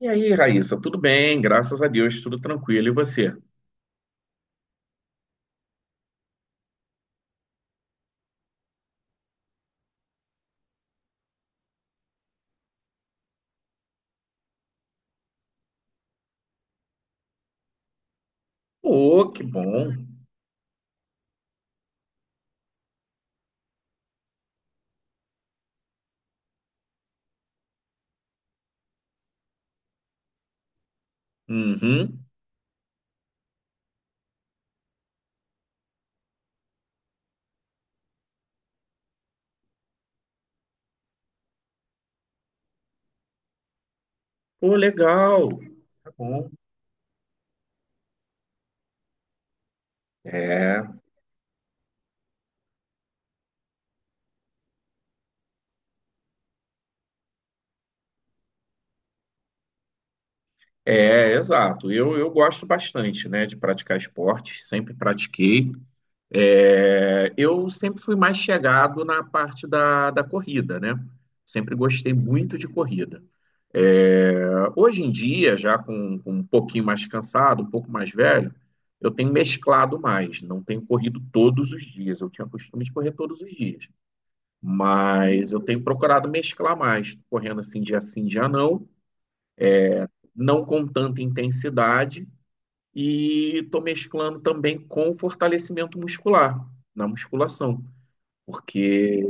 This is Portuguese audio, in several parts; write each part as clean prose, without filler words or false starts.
E aí, Raíssa, tudo bem? Graças a Deus, tudo tranquilo. E você? Pô, que bom. Uhum. Pô, legal. Tá bom. É, exato. Eu gosto bastante, né, de praticar esportes, sempre pratiquei. É, eu sempre fui mais chegado na parte da corrida, né? Sempre gostei muito de corrida. É, hoje em dia, já com um pouquinho mais cansado, um pouco mais velho, eu tenho mesclado mais, não tenho corrido todos os dias. Eu tinha o costume de correr todos os dias, mas eu tenho procurado mesclar mais, correndo assim dia sim, dia não, não com tanta intensidade, e estou mesclando também com fortalecimento muscular na musculação. Porque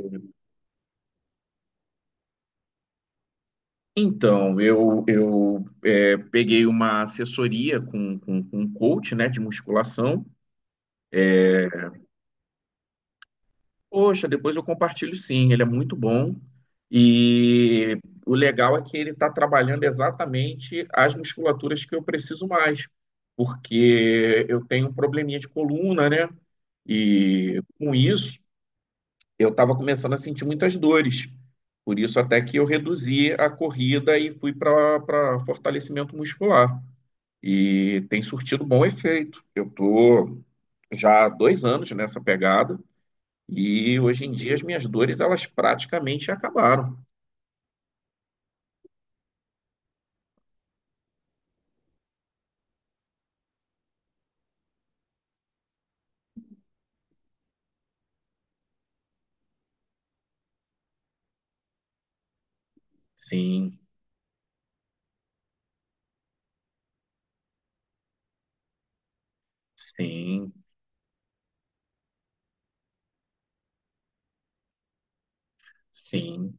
então, eu peguei uma assessoria com um coach, né, de musculação. Poxa, depois eu compartilho sim, ele é muito bom. E o legal é que ele está trabalhando exatamente as musculaturas que eu preciso mais, porque eu tenho um probleminha de coluna, né? E com isso, eu estava começando a sentir muitas dores. Por isso, até que eu reduzi a corrida e fui para fortalecimento muscular. E tem surtido bom efeito. Eu tô já há dois anos nessa pegada, e hoje em dia as minhas dores elas praticamente acabaram. Sim, sim, sim,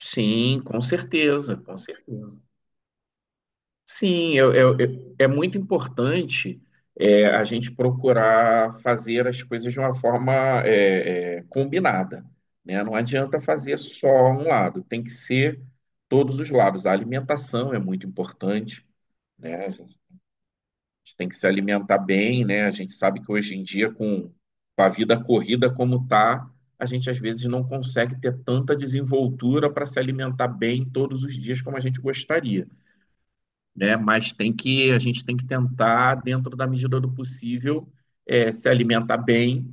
sim, com certeza, com certeza. Sim, é muito importante a gente procurar fazer as coisas de uma forma combinada, né? Não adianta fazer só um lado, tem que ser todos os lados. A alimentação é muito importante. Né? A gente tem que se alimentar bem, né? A gente sabe que hoje em dia, com a vida corrida como tá, a gente às vezes não consegue ter tanta desenvoltura para se alimentar bem todos os dias como a gente gostaria, né? Mas tem que a gente tem que tentar, dentro da medida do possível, se alimentar bem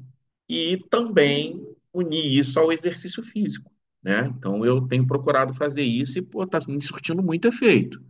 e também unir isso ao exercício físico, né? Então eu tenho procurado fazer isso e pô, tá me surtindo muito efeito.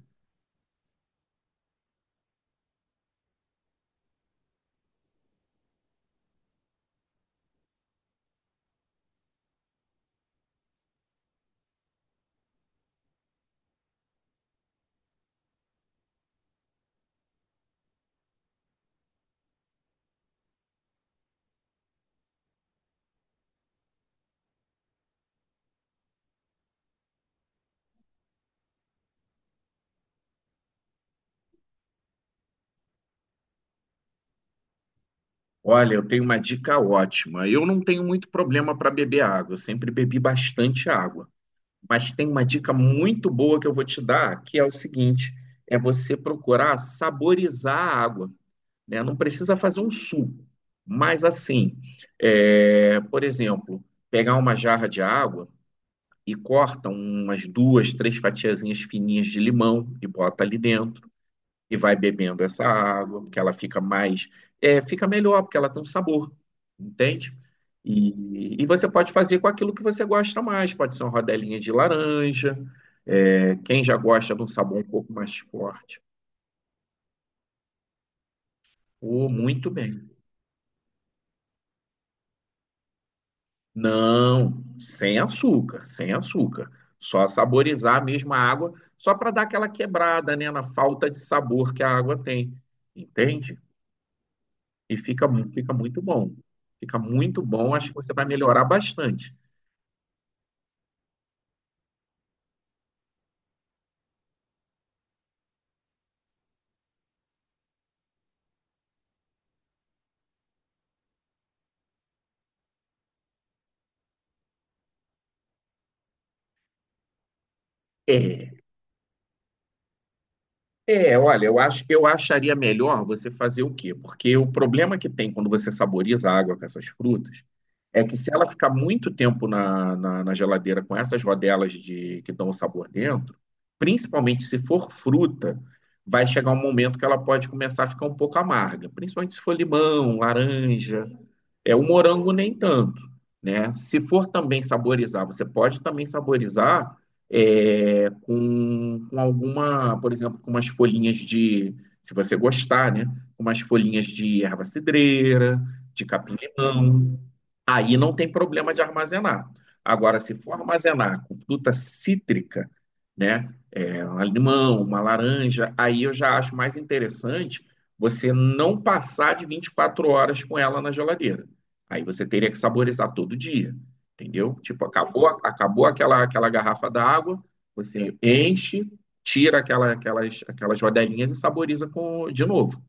Olha, eu tenho uma dica ótima. Eu não tenho muito problema para beber água, eu sempre bebi bastante água. Mas tem uma dica muito boa que eu vou te dar, que é o seguinte: é você procurar saborizar a água, né? Não precisa fazer um suco, mas assim, por exemplo, pegar uma jarra de água e corta umas duas, três fatiazinhas fininhas de limão e bota ali dentro e vai bebendo essa água, porque ela fica melhor, porque ela tem um sabor, entende? E você pode fazer com aquilo que você gosta mais, pode ser uma rodelinha de laranja, é, quem já gosta de um sabor um pouco mais forte. Oh, muito bem. Não, sem açúcar, sem açúcar. Só saborizar mesmo a água, só para dar aquela quebrada, né, na falta de sabor que a água tem, entende? E fica muito bom. Fica muito bom, acho que você vai melhorar bastante. É, olha, eu acharia melhor você fazer o quê? Porque o problema que tem quando você saboriza a água com essas frutas é que se ela ficar muito tempo na geladeira com essas rodelas de que dão o sabor dentro, principalmente se for fruta, vai chegar um momento que ela pode começar a ficar um pouco amarga, principalmente se for limão, laranja. É, o morango nem tanto, né? Se for também saborizar, você pode também saborizar com alguma, por exemplo, com umas folhinhas de, se você gostar, né? Com umas folhinhas de erva cidreira, de capim-limão. Aí não tem problema de armazenar. Agora, se for armazenar com fruta cítrica, né? É, um limão, uma laranja, aí eu já acho mais interessante você não passar de 24 horas com ela na geladeira. Aí você teria que saborizar todo dia, entendeu? Tipo, acabou aquela garrafa d'água, você enche, tira aquelas rodelinhas e saboriza com, de novo.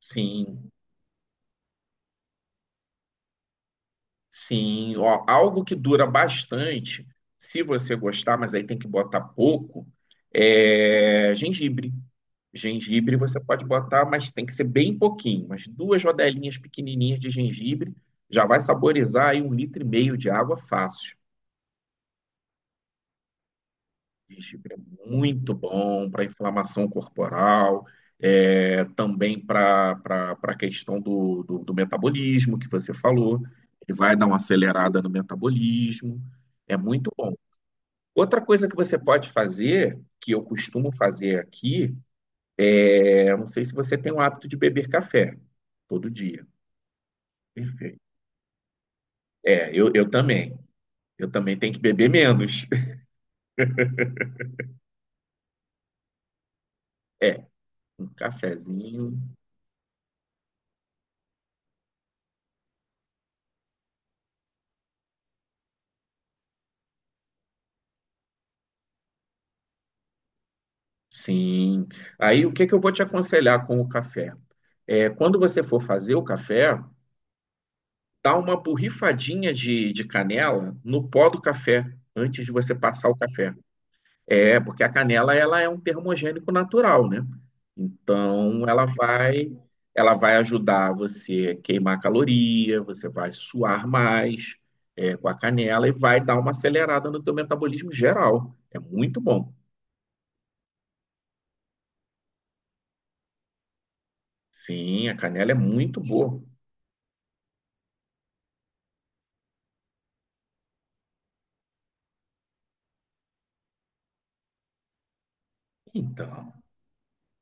Sim, sim. Ó, algo que dura bastante, se você gostar, mas aí tem que botar pouco, é gengibre. Gengibre você pode botar, mas tem que ser bem pouquinho, mas duas rodelinhas pequenininhas de gengibre já vai saborizar aí um litro e meio de água fácil. Gengibre é muito bom para inflamação corporal, também para a questão do metabolismo que você falou. Ele vai dar uma acelerada no metabolismo. É muito bom. Outra coisa que você pode fazer, que eu costumo fazer aqui, é, eu não sei se você tem o hábito de beber café todo dia. Perfeito. É, eu também. Eu também tenho que beber menos. É, um cafezinho. Sim. Aí o que que eu vou te aconselhar com o café? É, quando você for fazer o café, dá uma borrifadinha de canela no pó do café antes de você passar o café. É, porque a canela ela é um termogênico natural, né? Então ela vai ajudar você a queimar caloria, você vai suar mais com a canela e vai dar uma acelerada no teu metabolismo geral. É muito bom. Sim, a canela é muito boa. Então,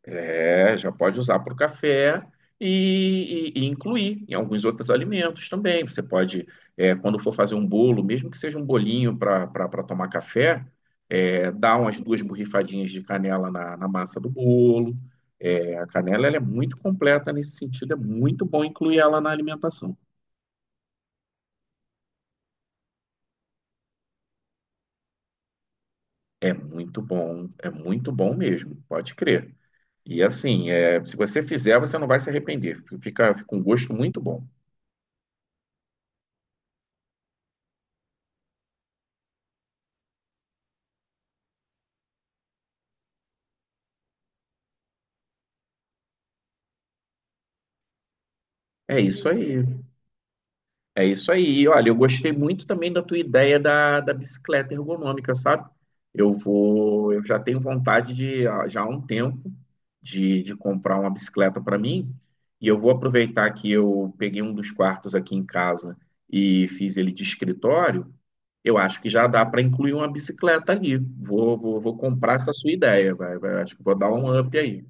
é, já pode usar para o café e incluir em alguns outros alimentos também. Você pode, é, quando for fazer um bolo, mesmo que seja um bolinho para tomar café, é, dar umas duas borrifadinhas de canela na massa do bolo. É, a canela ela é muito completa nesse sentido, é muito bom incluir ela na alimentação. É muito bom mesmo, pode crer. E assim, é, se você fizer, você não vai se arrepender. Fica, fica um gosto muito bom. É isso aí. É isso aí. Olha, eu gostei muito também da tua ideia da bicicleta ergonômica, sabe? Eu vou, eu já tenho vontade de, ah, já há um tempo, de comprar uma bicicleta para mim. E eu vou aproveitar que eu peguei um dos quartos aqui em casa e fiz ele de escritório. Eu acho que já dá para incluir uma bicicleta ali. Vou comprar essa sua ideia, vai, vai. Acho que vou dar um up aí.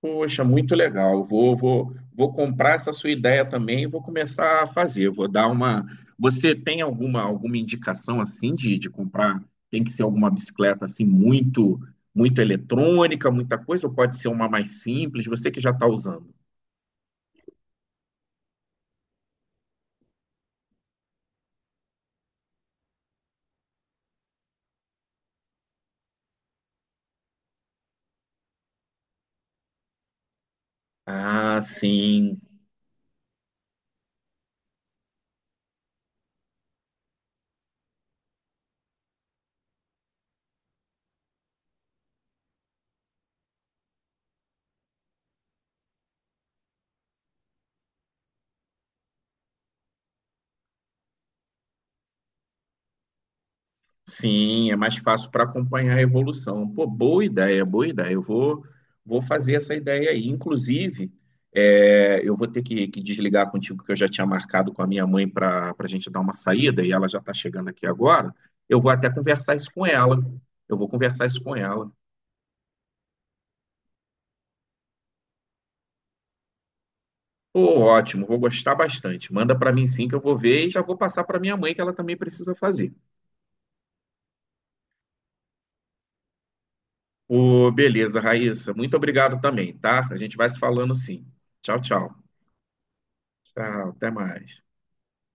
Poxa, muito legal. Vou comprar essa sua ideia também e vou começar a fazer. Vou dar uma. Você tem alguma, alguma indicação assim de comprar? Tem que ser alguma bicicleta assim muito, muito eletrônica, muita coisa, ou pode ser uma mais simples? Você que já está usando. Ah, sim. Sim, é mais fácil para acompanhar a evolução. Pô, boa ideia, boa ideia. Vou fazer essa ideia aí. Inclusive, é, eu vou ter que desligar contigo, que eu já tinha marcado com a minha mãe para a gente dar uma saída e ela já está chegando aqui agora. Eu vou até conversar isso com ela. Eu vou conversar isso com ela. Pô, ótimo, vou gostar bastante. Manda para mim sim, que eu vou ver e já vou passar para minha mãe, que ela também precisa fazer. Pô, beleza, Raíssa. Muito obrigado também, tá? A gente vai se falando sim. Tchau, tchau. Tchau, até mais.